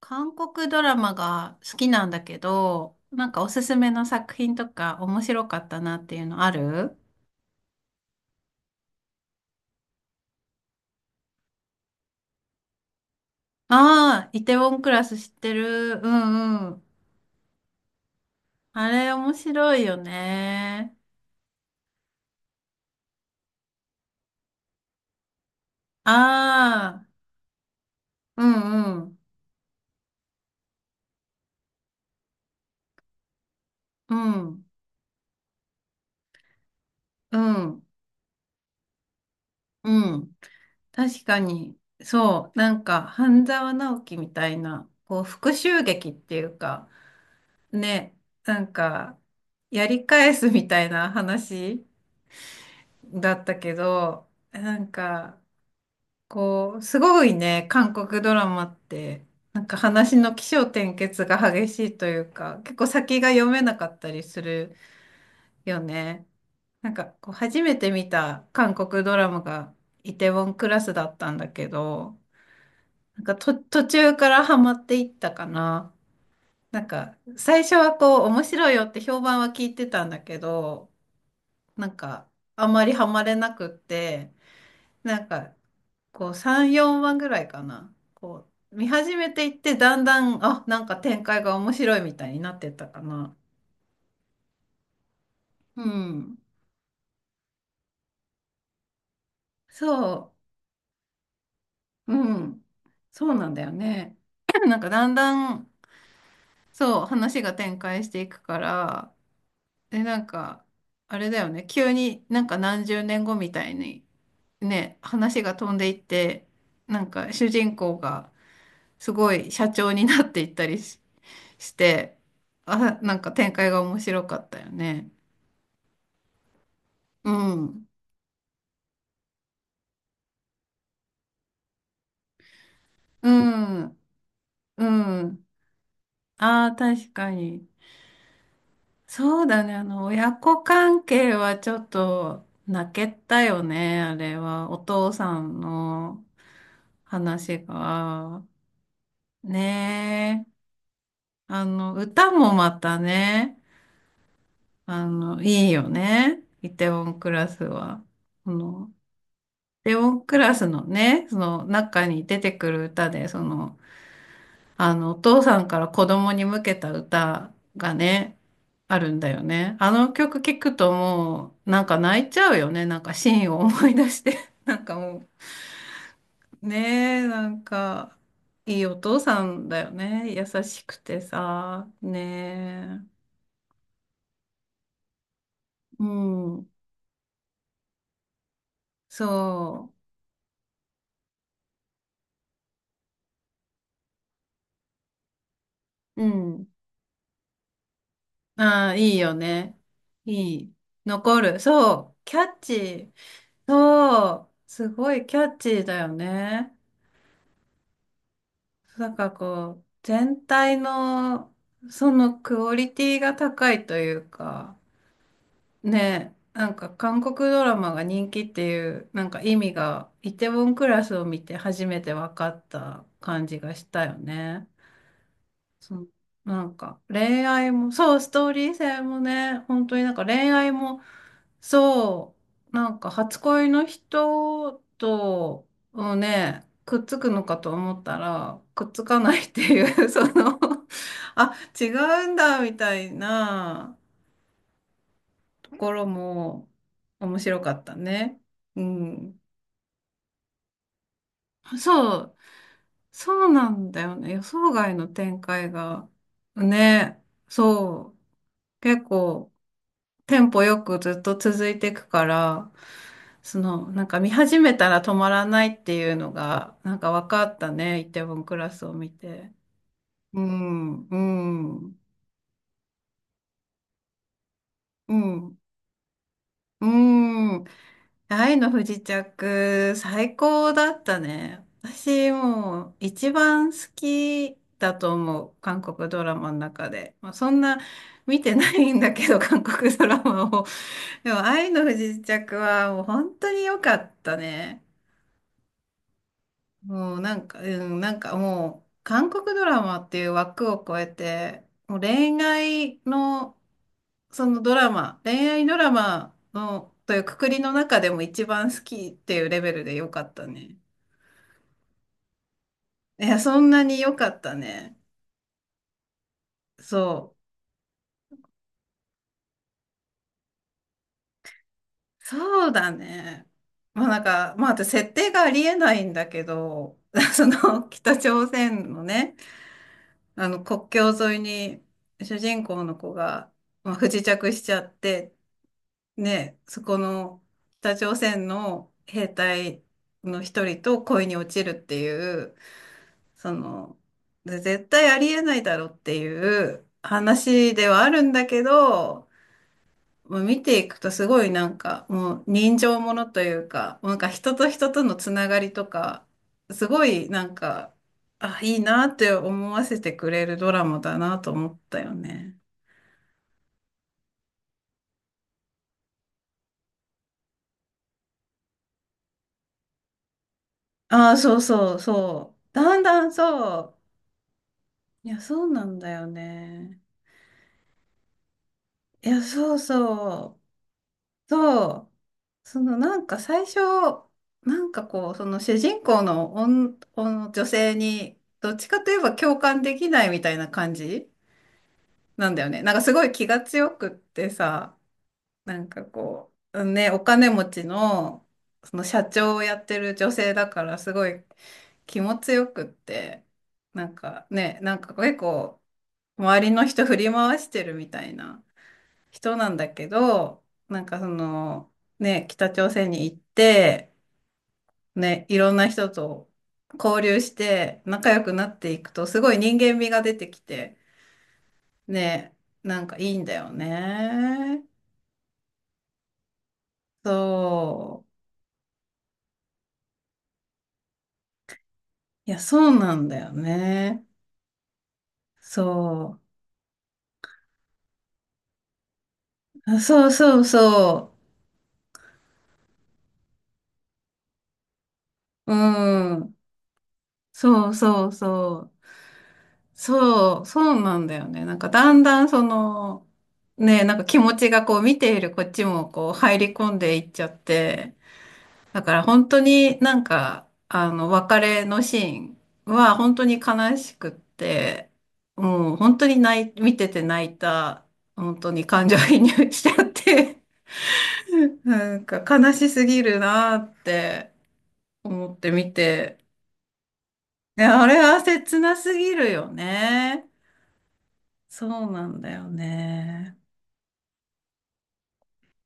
韓国ドラマが好きなんだけど、なんかおすすめの作品とか面白かったなっていうのある？ああー、イテウォンクラス知ってる。うんうん。あれ面白いよね。ああ、うんうん。うんうんうん。確かに。そう。なんか、半沢直樹みたいな、こう、復讐劇っていうか、ね、なんか、やり返すみたいな話だったけど、なんか、こう、すごいね、韓国ドラマって、なんか話の起承転結が激しいというか、結構先が読めなかったりするよね。なんか、こう、初めて見た韓国ドラマがイテウォンクラスだったんだけど、なんか途中からハマっていったかな。なんか、最初はこう、面白いよって評判は聞いてたんだけど、なんか、あまりハマれなくって、なんか、こう3、4話ぐらいかな。こう見始めていってだんだん、あ、なんか展開が面白いみたいになってったかな。うん。そう。うん。そうなんだよね。なんかだんだん、そう、話が展開していくから、で、なんか、あれだよね。急になんか何十年後みたいに、ね、話が飛んでいって、なんか主人公がすごい社長になっていったりして、あ、なんか展開が面白かったよね。うん。うん。うん。ああ、確かに。そうだね。あの、親子関係はちょっと泣けたよね。あれは。お父さんの話が。ねえ。あの、歌もまたね。あの、いいよね。イテウォンクラスは。その、イテウォンクラスのね、その中に出てくる歌で、その、あの、お父さんから子供に向けた歌がね、あるんだよね。あの曲聴くともう、なんか泣いちゃうよね。なんかシーンを思い出して。なんかもう、ねえ、なんか、いいお父さんだよね。優しくてさ、ねえ。うん、そう。うん。ああ、いいよね。いい。残る。そう。キャッチー。そう。すごいキャッチーだよね。なんかこう、全体のそのクオリティが高いというか、ね、なんか韓国ドラマが人気っていう、なんか意味がイテウォンクラスを見て初めて分かった感じがしたよね。そのなんか恋愛も、そう、ストーリー性もね、本当になんか恋愛もそう、なんか初恋の人をね、くっつくのかと思ったら、くっつかないっていう、そのあ、違うんだ、みたいなところも面白かったね。うん。そう、そうなんだよね。予想外の展開が。ね、そう、結構、テンポよくずっと続いていくから、その、なんか見始めたら止まらないっていうのが、なんか分かったね、イテウォンクラスを見て。うん、うん、うん。うーん。愛の不時着、最高だったね。私もう一番好きだと思う。韓国ドラマの中で。まあ、そんな見てないんだけど、韓国ドラマを。でも愛の不時着はもう本当に良かったね。もうなんか、うん、なんかもう韓国ドラマっていう枠を超えて、もう恋愛のそのドラマ、恋愛ドラマの、というくくりの中でも一番好きっていうレベルで良かったね。いや、そんなに良かったね。そう。そうだね。まあなんか、まあ私設定がありえないんだけど、その北朝鮮のね、あの国境沿いに主人公の子が、まあ、不時着しちゃって、ね、そこの北朝鮮の兵隊の一人と恋に落ちるっていう、その、で絶対ありえないだろうっていう話ではあるんだけど、もう見ていくとすごいなんか、もう人情ものというか、なんか人と人とのつながりとか、すごいなんか、あ、いいなって思わせてくれるドラマだなと思ったよね。ああ、そうそうそう。だんだんそう。いや、そうなんだよね。いや、そうそう。そう、そのなんか最初、なんかこう、その主人公の女性に、どっちかといえば共感できないみたいな感じなんだよね。なんかすごい気が強くってさ、なんかこう、ね、お金持ちの、その社長をやってる女性だからすごい気も強くって、なんかね、なんか結構周りの人振り回してるみたいな。人なんだけど、なんかその、ね、北朝鮮に行って、ね、いろんな人と交流して仲良くなっていくと、すごい人間味が出てきて、ね、なんかいいんだよね。そう。いや、そうなんだよね。そう。あそうそうそう。うん。そうそうそう。そう、そうなんだよね。なんかだんだんその、ね、なんか気持ちがこう見ているこっちもこう入り込んでいっちゃって、だから本当になんか、あの、別れのシーンは本当に悲しくって、もう本当に見てて泣いた、本当に感情移入しちゃって、なんか悲しすぎるなって思って見て、いや、あれは切なすぎるよね。そうなんだよね。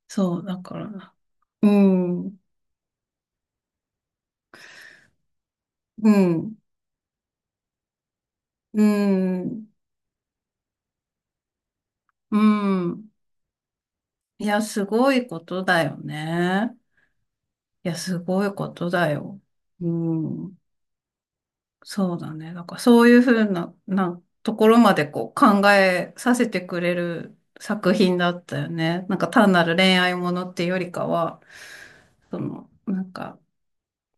そう、だから、うん、うん、うん、うん。いや、すごいことだよね。いや、すごいことだよ。うん、そうだね。だから、そういうふうな、ところまでこう考えさせてくれる作品だったよね。なんか単なる恋愛ものっていうよりかは、その、なんか、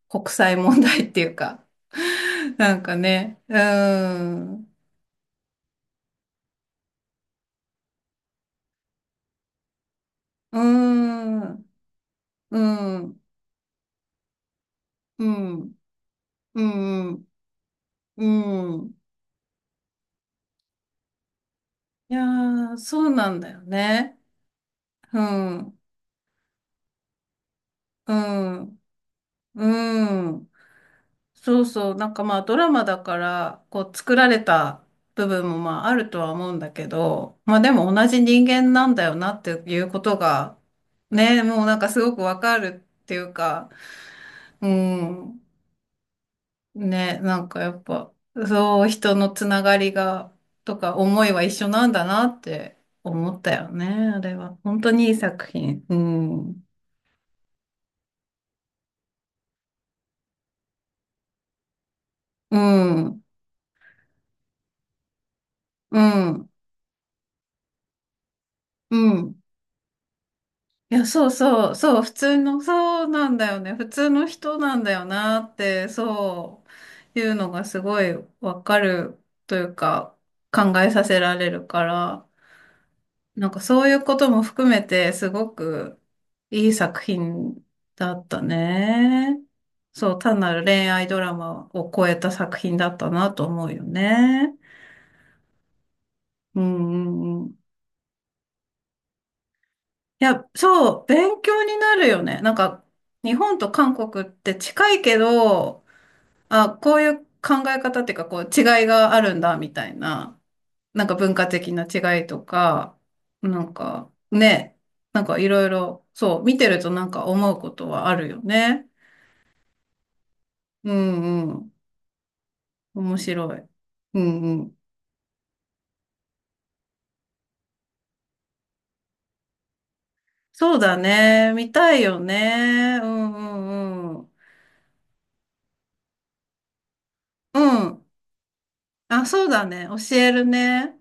国際問題っていうか、なんかね、うん、うん、うん、うん。うんうん、うん。いやー、そうなんだよね。うん、うん、うん。そうそう。なんかまあドラマだから、こう作られた部分もまああるとは思うんだけど、まあでも同じ人間なんだよなっていうことが、ね、もうなんかすごくわかるっていうか、うん。ね、なんかやっぱ、そう、人のつながりが、とか思いは一緒なんだなって思ったよね、あれは。本当にいい作品。うん。うん。うん。うん。いや、そうそう、そう、普通の、そうなんだよね。普通の人なんだよなって、そういうのがすごいわかるというか、考えさせられるから、なんかそういうことも含めて、すごくいい作品だったね。そう、単なる恋愛ドラマを超えた作品だったなと思うよね。うんうんうん。いや、そう、勉強になるよね。なんか、日本と韓国って近いけど、あ、こういう考え方っていうか、こう違いがあるんだ、みたいな。なんか文化的な違いとか、なんかね、なんかいろいろ、そう、見てるとなんか思うことはあるよね。うんうん。面白い。うんうん。そうだね。見たいよね。うんうんうん。うん。あ、そうだね。教えるね。